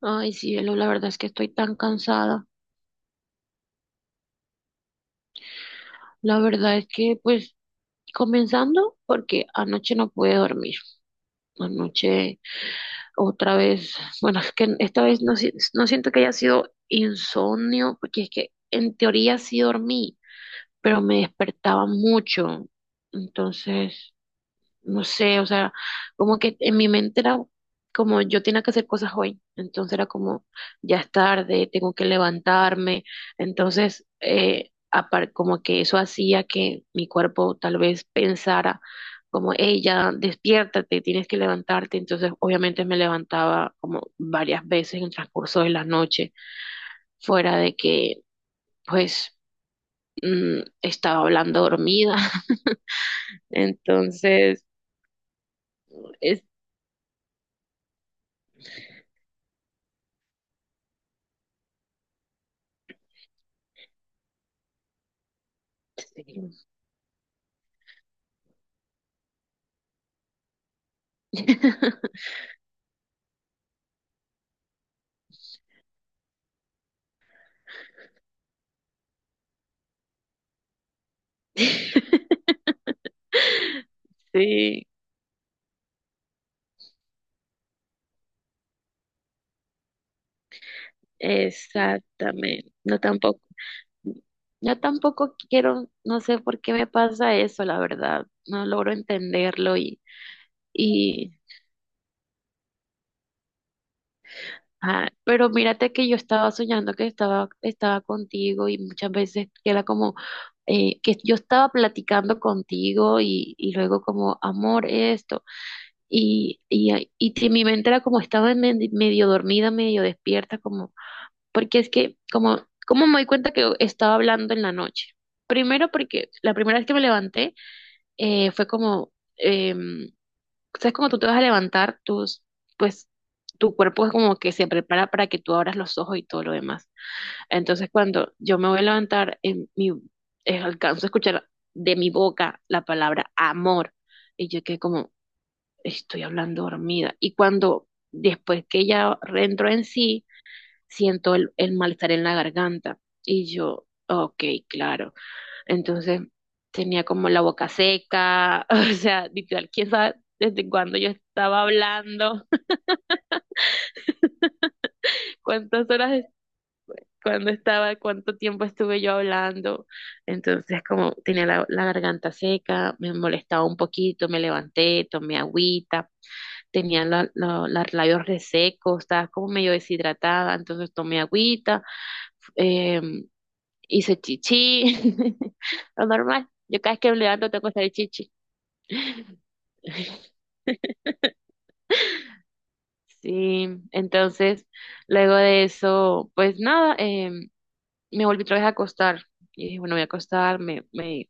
Ay, sí, Elo, la verdad es que estoy tan cansada. La verdad es que, pues, comenzando porque anoche no pude dormir. Anoche otra vez, bueno, es que esta vez no, no siento que haya sido insomnio, porque es que en teoría sí dormí, pero me despertaba mucho. Entonces, no sé, o sea, como que en mi mente era como yo tenía que hacer cosas hoy, entonces era como ya es tarde, tengo que levantarme, entonces como que eso hacía que mi cuerpo tal vez pensara como, hey, ya despiértate, tienes que levantarte, entonces obviamente me levantaba como varias veces en el transcurso de la noche, fuera de que pues estaba hablando dormida, entonces... Es... Sí, exactamente. No tampoco, yo tampoco quiero, no sé por qué me pasa eso, la verdad. No logro entenderlo y, ah, pero mírate que yo estaba soñando que estaba contigo y muchas veces que era como que yo estaba platicando contigo y luego como amor esto y, que mi mente era como estaba medio dormida, medio despierta, como porque es que como, me doy cuenta que estaba hablando en la noche? Primero porque la primera vez que me levanté fue como, em, ¿sabes cuando tú te vas a levantar? Tus, pues tu cuerpo es como que se prepara para que tú abras los ojos y todo lo demás. Entonces cuando yo me voy a levantar, en mi, alcanzo a escuchar de mi boca la palabra amor y yo quedé como, estoy hablando dormida. Y cuando después que ella entró en sí, siento el malestar en la garganta. Y yo, ok, claro. Entonces tenía como la boca seca, o sea, literal, quién sabe desde cuándo yo estaba hablando, cuántas horas, cuándo estaba, cuánto tiempo estuve yo hablando. Entonces como tenía la garganta seca, me molestaba un poquito, me levanté, tomé agüita, tenía los labios resecos, estaba como medio deshidratada, entonces tomé agüita em, hice chichi, lo normal. Yo cada vez que me levanto tengo que hacer chichi. Sí, entonces, luego de eso, pues nada, me volví otra vez a acostar. Y dije, bueno, voy a acostar, me, me,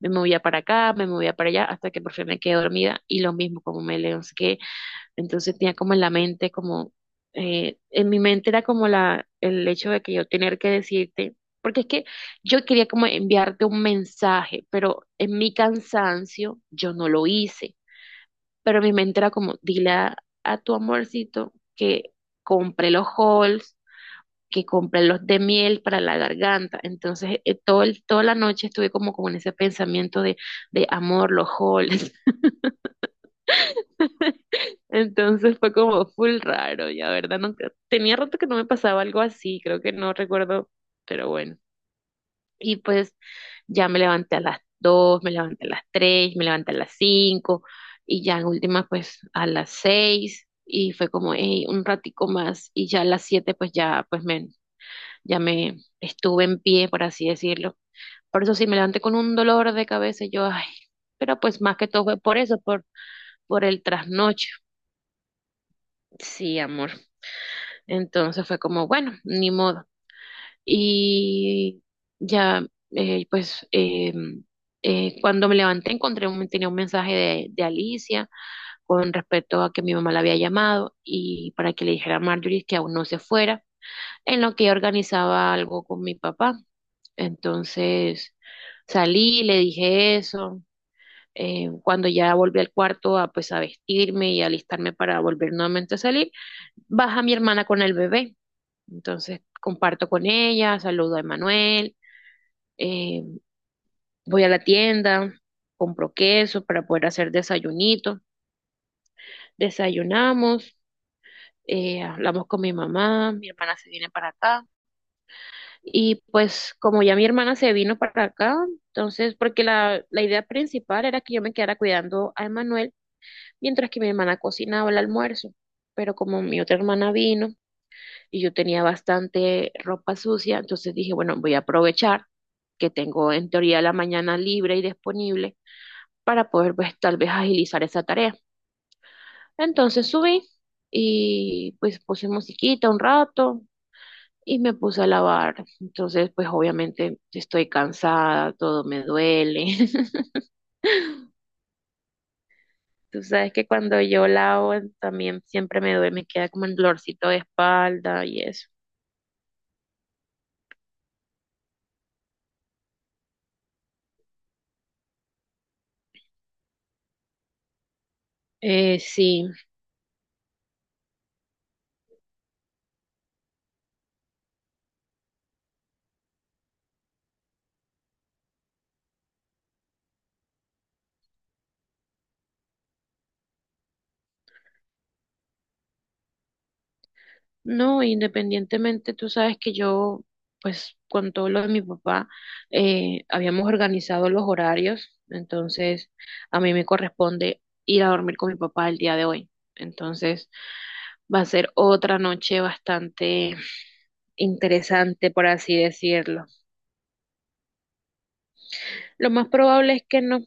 me movía para acá, me movía para allá, hasta que por fin me quedé dormida. Y lo mismo, como me levanté, entonces tenía como en la mente, como, en mi mente era como el hecho de que yo tener que decirte, porque es que yo quería como enviarte un mensaje, pero en mi cansancio yo no lo hice, pero mi mente era como, dile a tu amorcito que compre los halls, que compre los de miel para la garganta. Entonces, toda la noche estuve como con ese pensamiento de amor, los halls. Entonces fue como full raro, ya, ¿verdad? Nunca, tenía rato que no me pasaba algo así, creo que no recuerdo, pero bueno. Y pues ya me levanté a las dos, me levanté a las tres, me levanté a las 5 y ya en última pues a las 6 y fue como "Ey, un ratico más" y ya a las 7 pues ya ya me estuve en pie, por así decirlo. Por eso sí me levanté con un dolor de cabeza y yo, ay, pero pues más que todo fue por eso, por el trasnocho. Sí, amor. Entonces fue como, bueno, ni modo. Y ya, pues, cuando me levanté encontré tenía un mensaje de Alicia con respecto a que mi mamá la había llamado y para que le dijera a Marjorie que aún no se fuera, en lo que yo organizaba algo con mi papá. Entonces salí, le dije eso. Cuando ya volví al cuarto a pues a vestirme y a alistarme para volver nuevamente a salir, baja mi hermana con el bebé. Entonces comparto con ella, saludo a Emanuel, eh, voy a la tienda, compro queso para poder hacer desayunito, desayunamos, hablamos con mi mamá, mi hermana se viene para acá y pues como ya mi hermana se vino para acá, entonces porque la idea principal era que yo me quedara cuidando a Emanuel mientras que mi hermana cocinaba el almuerzo, pero como mi otra hermana vino, y yo tenía bastante ropa sucia, entonces dije, bueno, voy a aprovechar que tengo en teoría la mañana libre y disponible para poder pues tal vez agilizar esa tarea. Entonces subí y pues puse musiquita un rato y me puse a lavar. Entonces pues obviamente estoy cansada, todo me duele. Tú sabes que cuando yo lavo también siempre me duele, me queda como un dolorcito de espalda y eso. Sí. No, independientemente, tú sabes que yo, pues con todo lo de mi papá, habíamos organizado los horarios, entonces a mí me corresponde ir a dormir con mi papá el día de hoy. Entonces va a ser otra noche bastante interesante, por así decirlo. Lo más probable es que no,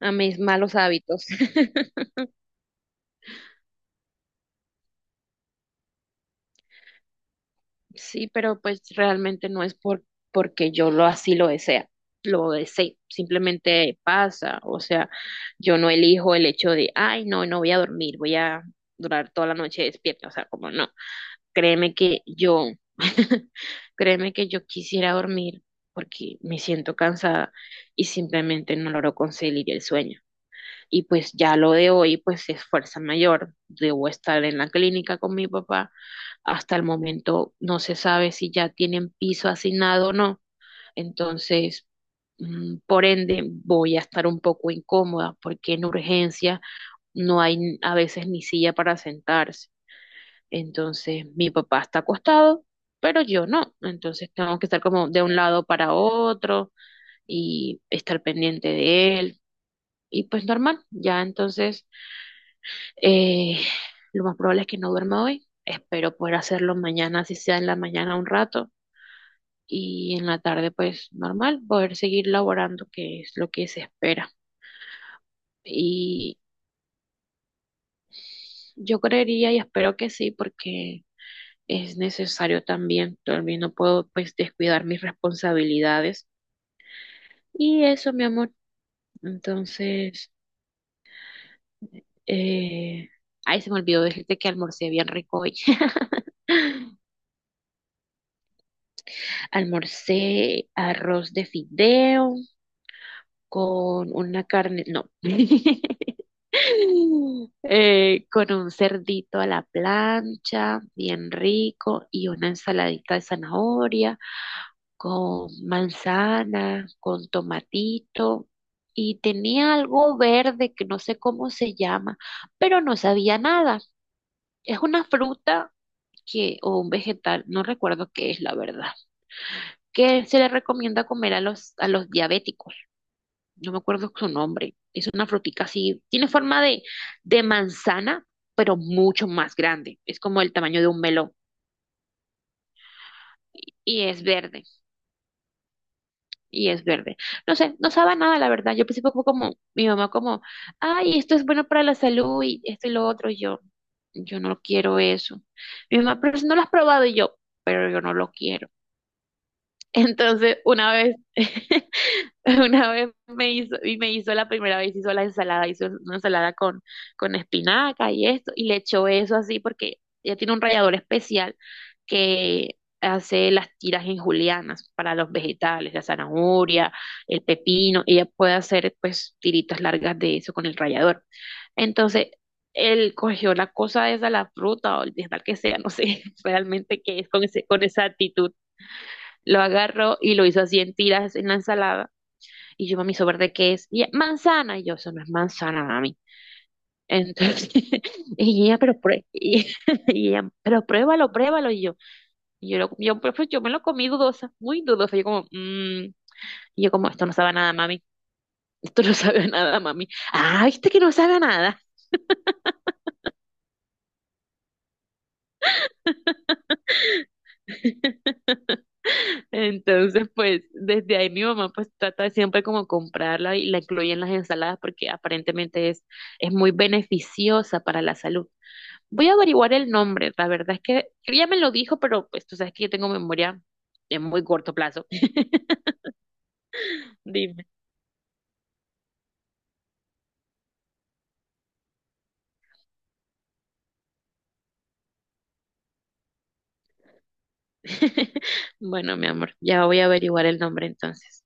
a mis malos hábitos. Sí, pero pues realmente no es porque yo lo así lo desea, lo desee, simplemente pasa, o sea, yo no elijo el hecho de, ay, no, no voy a dormir, voy a durar toda la noche despierta, o sea, como no, créeme que yo, créeme que yo quisiera dormir porque me siento cansada y simplemente no logro conseguir el sueño. Y pues ya lo de hoy, pues es fuerza mayor. Debo estar en la clínica con mi papá. Hasta el momento no se sabe si ya tienen piso asignado o no. Entonces, por ende, voy a estar un poco incómoda porque en urgencia no hay a veces ni silla para sentarse. Entonces, mi papá está acostado, pero yo no. Entonces, tengo que estar como de un lado para otro y estar pendiente de él. Y pues normal, ya entonces eh, lo más probable es que no duerma hoy. Espero poder hacerlo mañana, si sea en la mañana un rato. Y en la tarde, pues normal, poder seguir laborando, que es lo que se espera. Y yo creería y espero que sí, porque es necesario también. También no puedo, pues, descuidar mis responsabilidades. Y eso, mi amor. Entonces, eh... ay, se me olvidó decirte que almorcé bien rico hoy. Almorcé arroz de fideo con una carne, no, con un cerdito a la plancha, bien rico, y una ensaladita de zanahoria, con manzana, con tomatito, y tenía algo verde que no sé cómo se llama, pero no sabía nada. Es una fruta que, o un vegetal, no recuerdo qué es la verdad, que se le recomienda comer a los diabéticos. No me acuerdo su nombre, es una frutica así, tiene forma de manzana, pero mucho más grande, es como el tamaño de un melón y es verde, y es verde. No sé, no sabe a nada, la verdad. Yo al principio fue como, mi mamá como, ay, esto es bueno para la salud y esto y lo otro, y yo, no quiero eso. Mi mamá, pero si no lo has probado, y yo, pero yo no lo quiero. Entonces, una vez una vez me hizo, y me hizo la primera vez, hizo la ensalada, hizo una ensalada con espinaca y esto, y le echó eso así porque ella tiene un rallador especial que hace las tiras en julianas para los vegetales, la zanahoria, el pepino, ella puede hacer pues tiritas largas de eso con el rallador. Entonces, él cogió la cosa esa, la fruta o el vegetal que sea, no sé realmente qué es con ese, con esa actitud, lo agarró y lo hizo así en tiras en la ensalada y yo, mami, ¿eso verde qué es? Y ella, manzana. Y yo, eso no es manzana, mami. Entonces, y ella, pero, y ella, pero pruébalo, pruébalo. Y yo, pues, yo me lo comí dudosa, muy dudosa. Yo como, "Mm". Y yo como, esto no sabe a nada, mami. Esto no sabe a nada, mami. Ah, viste que no sabe a nada. Entonces, pues, desde ahí mi mamá pues trata de siempre como comprarla y la incluye en las ensaladas porque aparentemente es muy beneficiosa para la salud. Voy a averiguar el nombre, la verdad es que ella me lo dijo, pero pues tú sabes que yo tengo memoria de muy corto plazo. Dime. Bueno, mi amor, ya voy a averiguar el nombre entonces.